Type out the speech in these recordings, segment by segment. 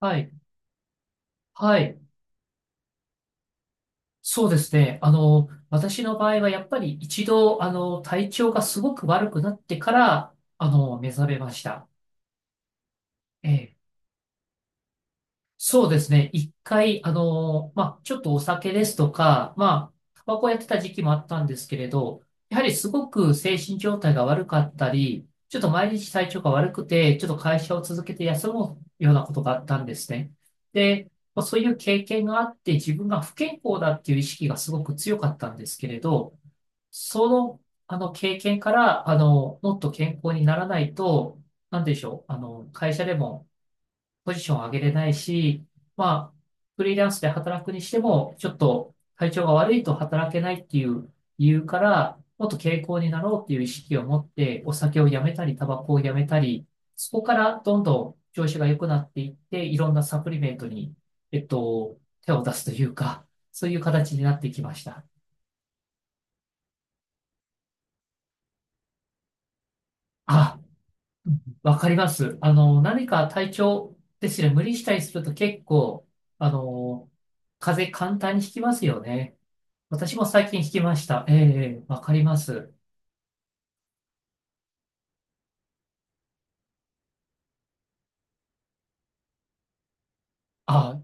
はい。はい。そうですね。私の場合はやっぱり一度、体調がすごく悪くなってから、目覚めました。ええ、そうですね。一回、まあ、ちょっとお酒ですとか、まあ、タバコやってた時期もあったんですけれど、やはりすごく精神状態が悪かったり、ちょっと毎日体調が悪くて、ちょっと会社を続けて休むようなことがあったんですね。で、まあそういう経験があって、自分が不健康だっていう意識がすごく強かったんですけれど、その、あの経験から、もっと健康にならないと、なんでしょう、会社でも、ポジションを上げれないし、まあ、フリーランスで働くにしても、ちょっと体調が悪いと働けないっていう理由から、もっと健康になろうっていう意識を持って、お酒をやめたり、タバコをやめたり、そこからどんどん調子が良くなっていって、いろんなサプリメントに、手を出すというか、そういう形になってきました。あ、わかります。何か体調ですね、無理したりすると結構、あの、風邪簡単にひきますよね。私も最近聞きました。ええ、ええ、わかります。あ、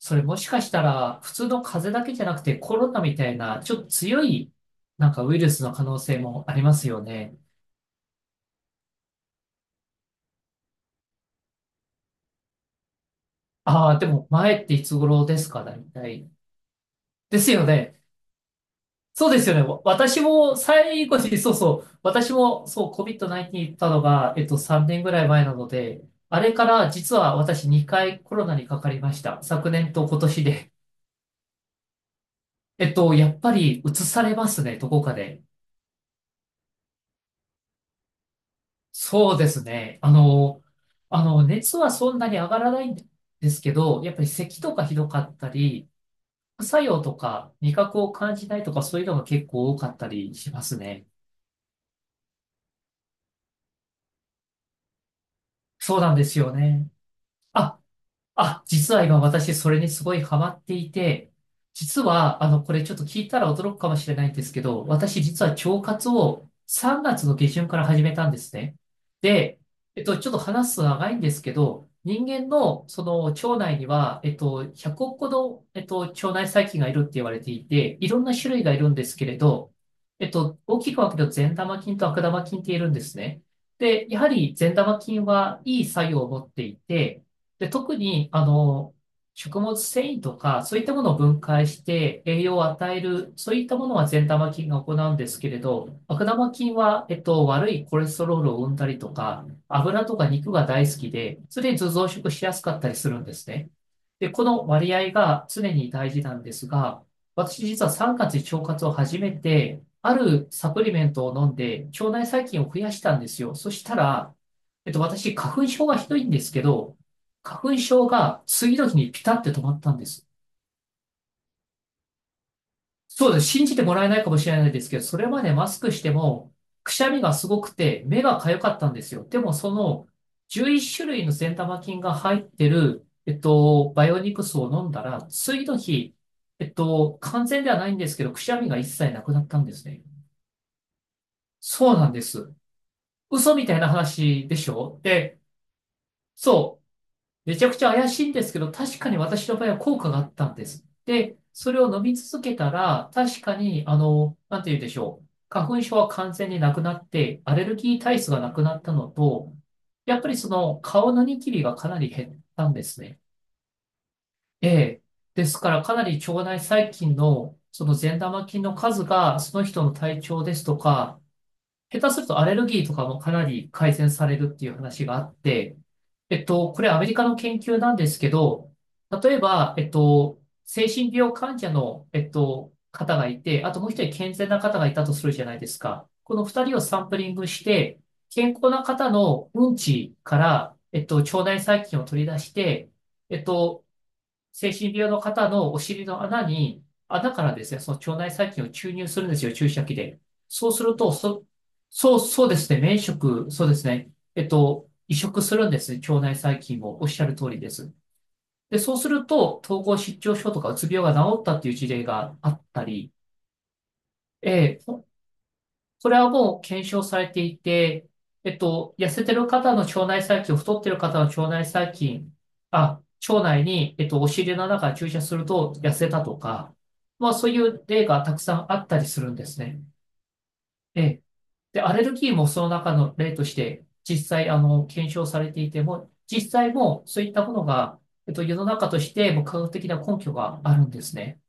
それもしかしたら、普通の風邪だけじゃなくてコロナみたいな、ちょっと強い、なんかウイルスの可能性もありますよね。ああ、でも前っていつ頃ですか、大体？ですよね。そうですよね。私も最後に、そうそう、私もそう COVID-19 行ったのが、3年ぐらい前なので、あれから実は私2回コロナにかかりました。昨年と今年で。やっぱり移されますね、どこかで。そうですね。熱はそんなに上がらないんですけど、やっぱり咳とかひどかったり、副作用とか味覚を感じないとかそういうのが結構多かったりしますね。そうなんですよね。あ、あ、実は今私それにすごいハマっていて、実は、これちょっと聞いたら驚くかもしれないんですけど、私実は腸活を3月の下旬から始めたんですね。で、ちょっと話すの長いんですけど、人間のその腸内には、100億個の、腸内細菌がいるって言われていて、いろんな種類がいるんですけれど、大きく分けると善玉菌と悪玉菌っているんですね。で、やはり善玉菌はいい作用を持っていて、で、特に、食物繊維とか、そういったものを分解して栄養を与える、そういったものは善玉菌が行うんですけれど、悪玉菌は、悪いコレステロールを生んだりとか、油とか肉が大好きで、常に増殖しやすかったりするんですね。で、この割合が常に大事なんですが、私実は3月に腸活を始めて、あるサプリメントを飲んで、腸内細菌を増やしたんですよ。そしたら、私、花粉症がひどいんですけど、花粉症が次の日にピタって止まったんです。そうです。信じてもらえないかもしれないですけど、それまでマスクしても、くしゃみがすごくて、目が痒かったんですよ。でも、11種類の善玉菌が入ってる、バイオニクスを飲んだら、次の日、完全ではないんですけど、くしゃみが一切なくなったんですね。そうなんです。嘘みたいな話でしょ、で、そう。めちゃくちゃ怪しいんですけど、確かに私の場合は効果があったんです。で、それを飲み続けたら、確かに、なんて言うでしょう。花粉症は完全になくなって、アレルギー体質がなくなったのと、やっぱりその顔のニキビがかなり減ったんですね。ええ。ですから、かなり腸内細菌の、その善玉菌の数が、その人の体調ですとか、下手するとアレルギーとかもかなり改善されるっていう話があって、これアメリカの研究なんですけど、例えば、精神病患者の、方がいて、あともう一人健全な方がいたとするじゃないですか。この二人をサンプリングして、健康な方のうんちから、腸内細菌を取り出して、えっと、精神病の方のお尻の穴に、穴からですね、その腸内細菌を注入するんですよ、注射器で。そうすると、そうですね、免職、そうですね、移植するんですね、腸内細菌もおっしゃる通りです。で、そうすると、統合失調症とかうつ病が治ったっていう事例があったり、ええ、それはもう検証されていて、痩せてる方の腸内細菌、太ってる方の腸内細菌、あ、腸内に、お尻の中に注射すると痩せたとか、まあそういう例がたくさんあったりするんですね。ええ。で、アレルギーもその中の例として、実際、検証されていても、実際もそういったものが、世の中としても科学的な根拠があるんですね。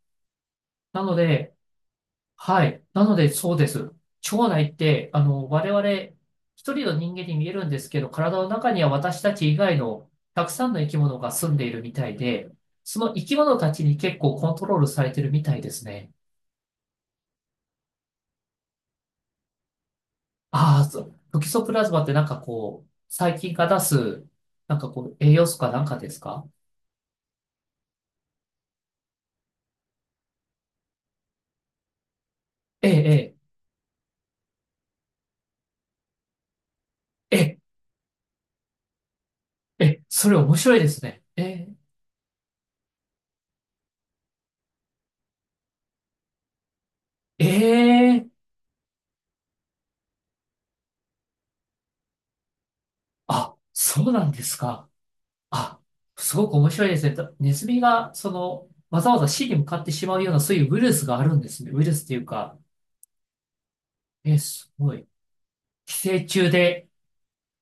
なので、はい。なので、そうです。腸内って、我々、一人の人間に見えるんですけど、体の中には私たち以外のたくさんの生き物が住んでいるみたいで、その生き物たちに結構コントロールされてるみたいですね。ああ、そう。トキソプラズマってなんかこう、細菌が出す、なんかこう、栄養素かなんかですか？ええ、ええ、ええ、ええ、それ面白いですね。ええ、ええ、あ、そうなんですか？あ、すごく面白いですね。とネズミが、わざわざ死に向かってしまうような、そういうウイルスがあるんですね。ウイルスっていうか、え、すごい。寄生虫で、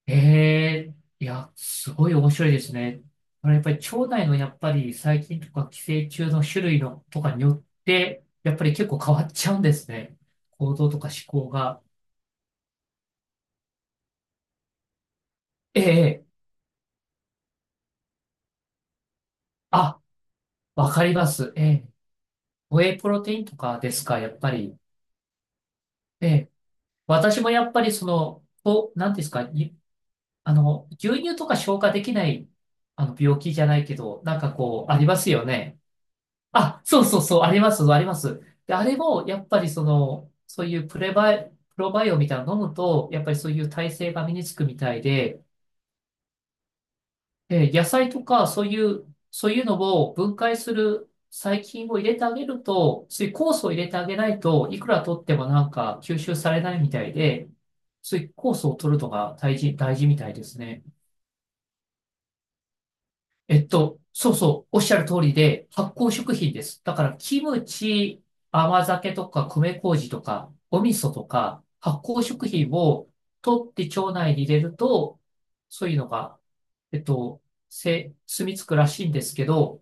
えいや、すごい面白いですね。これやっぱり腸内のやっぱり細菌とか寄生虫の種類のとかによって、やっぱり結構変わっちゃうんですね。行動とか思考が。ええ、ええ、あ、わかります。ええ、ホエイプロテインとかですか、やっぱり？ええ、私もやっぱりこう、なんていうんですか、牛乳とか消化できない、病気じゃないけど、なんかこう、ありますよね。あ、そうそうそう、あります、あります。で、あれも、やっぱりそういうプロバイオみたいなの飲むと、やっぱりそういう耐性が身につくみたいで、え、野菜とか、そういうのを分解する細菌を入れてあげると、そういう酵素を入れてあげないといくら取ってもなんか吸収されないみたいで、そういう酵素を取るのが大事、大事みたいですね。おっしゃる通りで、発酵食品です。だから、キムチ、甘酒とか、米麹とか、お味噌とか、発酵食品を取って腸内に入れると、そういうのが、えっと、せ、住み着くらしいんですけど、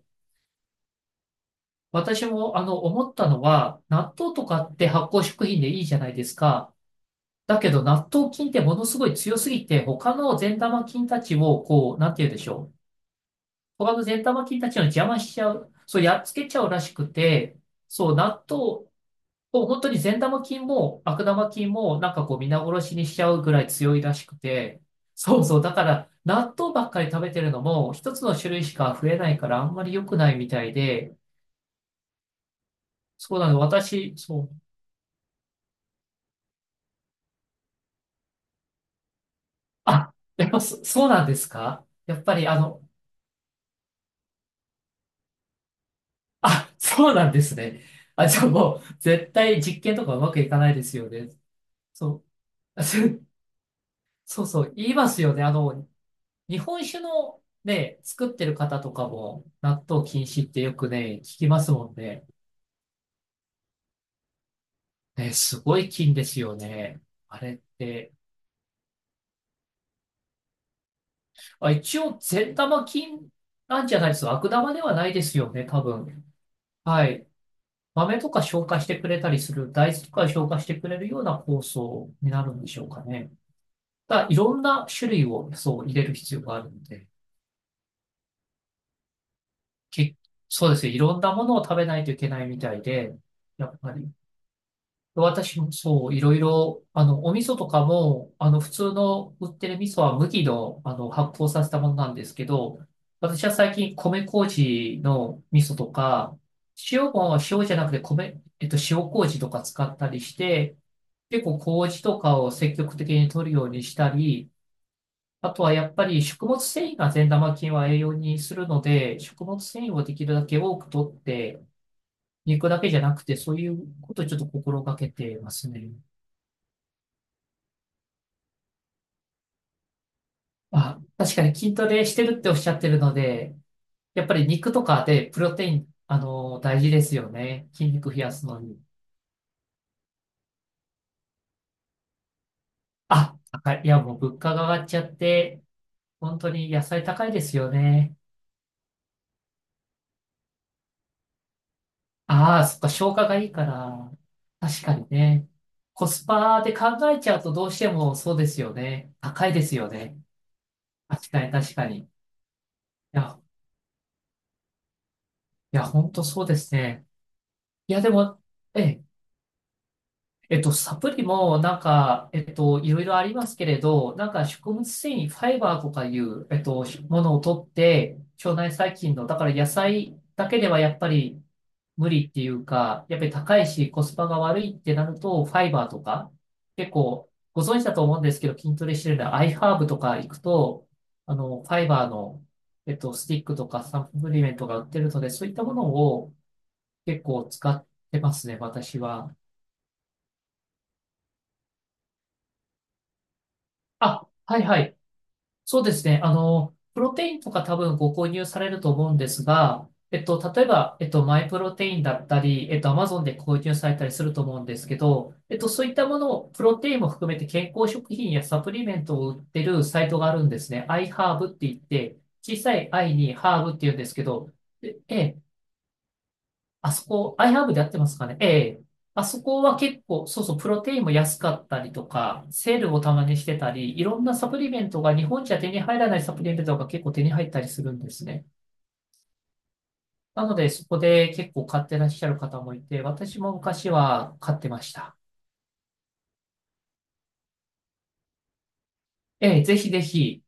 私も思ったのは、納豆とかって発酵食品でいいじゃないですか。だけど、納豆菌ってものすごい強すぎて、他の善玉菌たちを、こう、なんて言うでしょう。トカゲ善玉菌たちの邪魔しちゃう。そう、やっつけちゃうらしくて、そう、納豆を本当に善玉菌も悪玉菌もなんかこう皆殺しにしちゃうぐらい強いらしくて、そう、だから納豆ばっかり食べてるのも一つの種類しか増えないからあんまり良くないみたいで、そうなの、私、そう、あ、やっぱそ、そうなんですか？やっぱりあの、あ、そうなんですね。あ、じゃあもう絶対実験とかうまくいかないですよね。そう。そうそう、言いますよね。日本酒のね、作ってる方とかも、納豆禁止ってよくね、聞きますもんね。ね、すごい菌ですよね。あれって。あ、一応、善玉菌なんじゃないですか。悪玉ではないですよね、多分。はい。豆とか消化してくれたりする、大豆とか消化してくれるような酵素になるんでしょうかね。だからいろんな種類をそう入れる必要があるので、け、そうですね。いろんなものを食べないといけないみたいで、やっぱり。私もいろいろ、お味噌とかも、普通の売ってる味噌は麦の、発酵させたものなんですけど、私は最近米麹の味噌とか、塩も塩じゃなくて米、塩麹とか使ったりして、結構麹とかを積極的に取るようにしたり、あとはやっぱり食物繊維が善玉菌は栄養にするので、食物繊維をできるだけ多く取って、肉だけじゃなくて、そういうことをちょっと心がけてますね。あ、確かに筋トレしてるっておっしゃってるので、やっぱり肉とかでプロテイン、大事ですよね。筋肉増やすのに。あ、高い。いや、もう物価が上がっちゃって、本当に野菜高いですよね。ああ、そっか、消化がいいから。確かにね。コスパで考えちゃうとどうしてもそうですよね。高いですよね。確かに、確かに。や、いや、本当そうですね。いや、でも、ええサプリも、いろいろありますけれど、食物繊維、ファイバーとかいう、ものを取って、腸内細菌の、だから野菜だけではやっぱり無理っていうか、やっぱり高いし、コスパが悪いってなると、ファイバーとか、結構、ご存知だと思うんですけど、筋トレしてるのは、アイハーブとか行くと、ファイバーの、スティックとかサプリメントが売ってるので、そういったものを結構使ってますね、私は。あ、はいはい。そうですね。プロテインとか多分ご購入されると思うんですが、例えば、マイプロテインだったり、アマゾンで購入されたりすると思うんですけど、そういったものを、プロテインも含めて健康食品やサプリメントを売ってるサイトがあるんですね。iHerb って言って、小さい i にハーブって言うんですけど、でええ、あそこ、アイハーブでやってますかねええ。あそこは結構、プロテインも安かったりとか、セールをたまにしてたり、いろんなサプリメントが日本じゃ手に入らないサプリメントが結構手に入ったりするんですね。なので、そこで結構買ってらっしゃる方もいて、私も昔は買ってました。ええ、ぜひぜひ。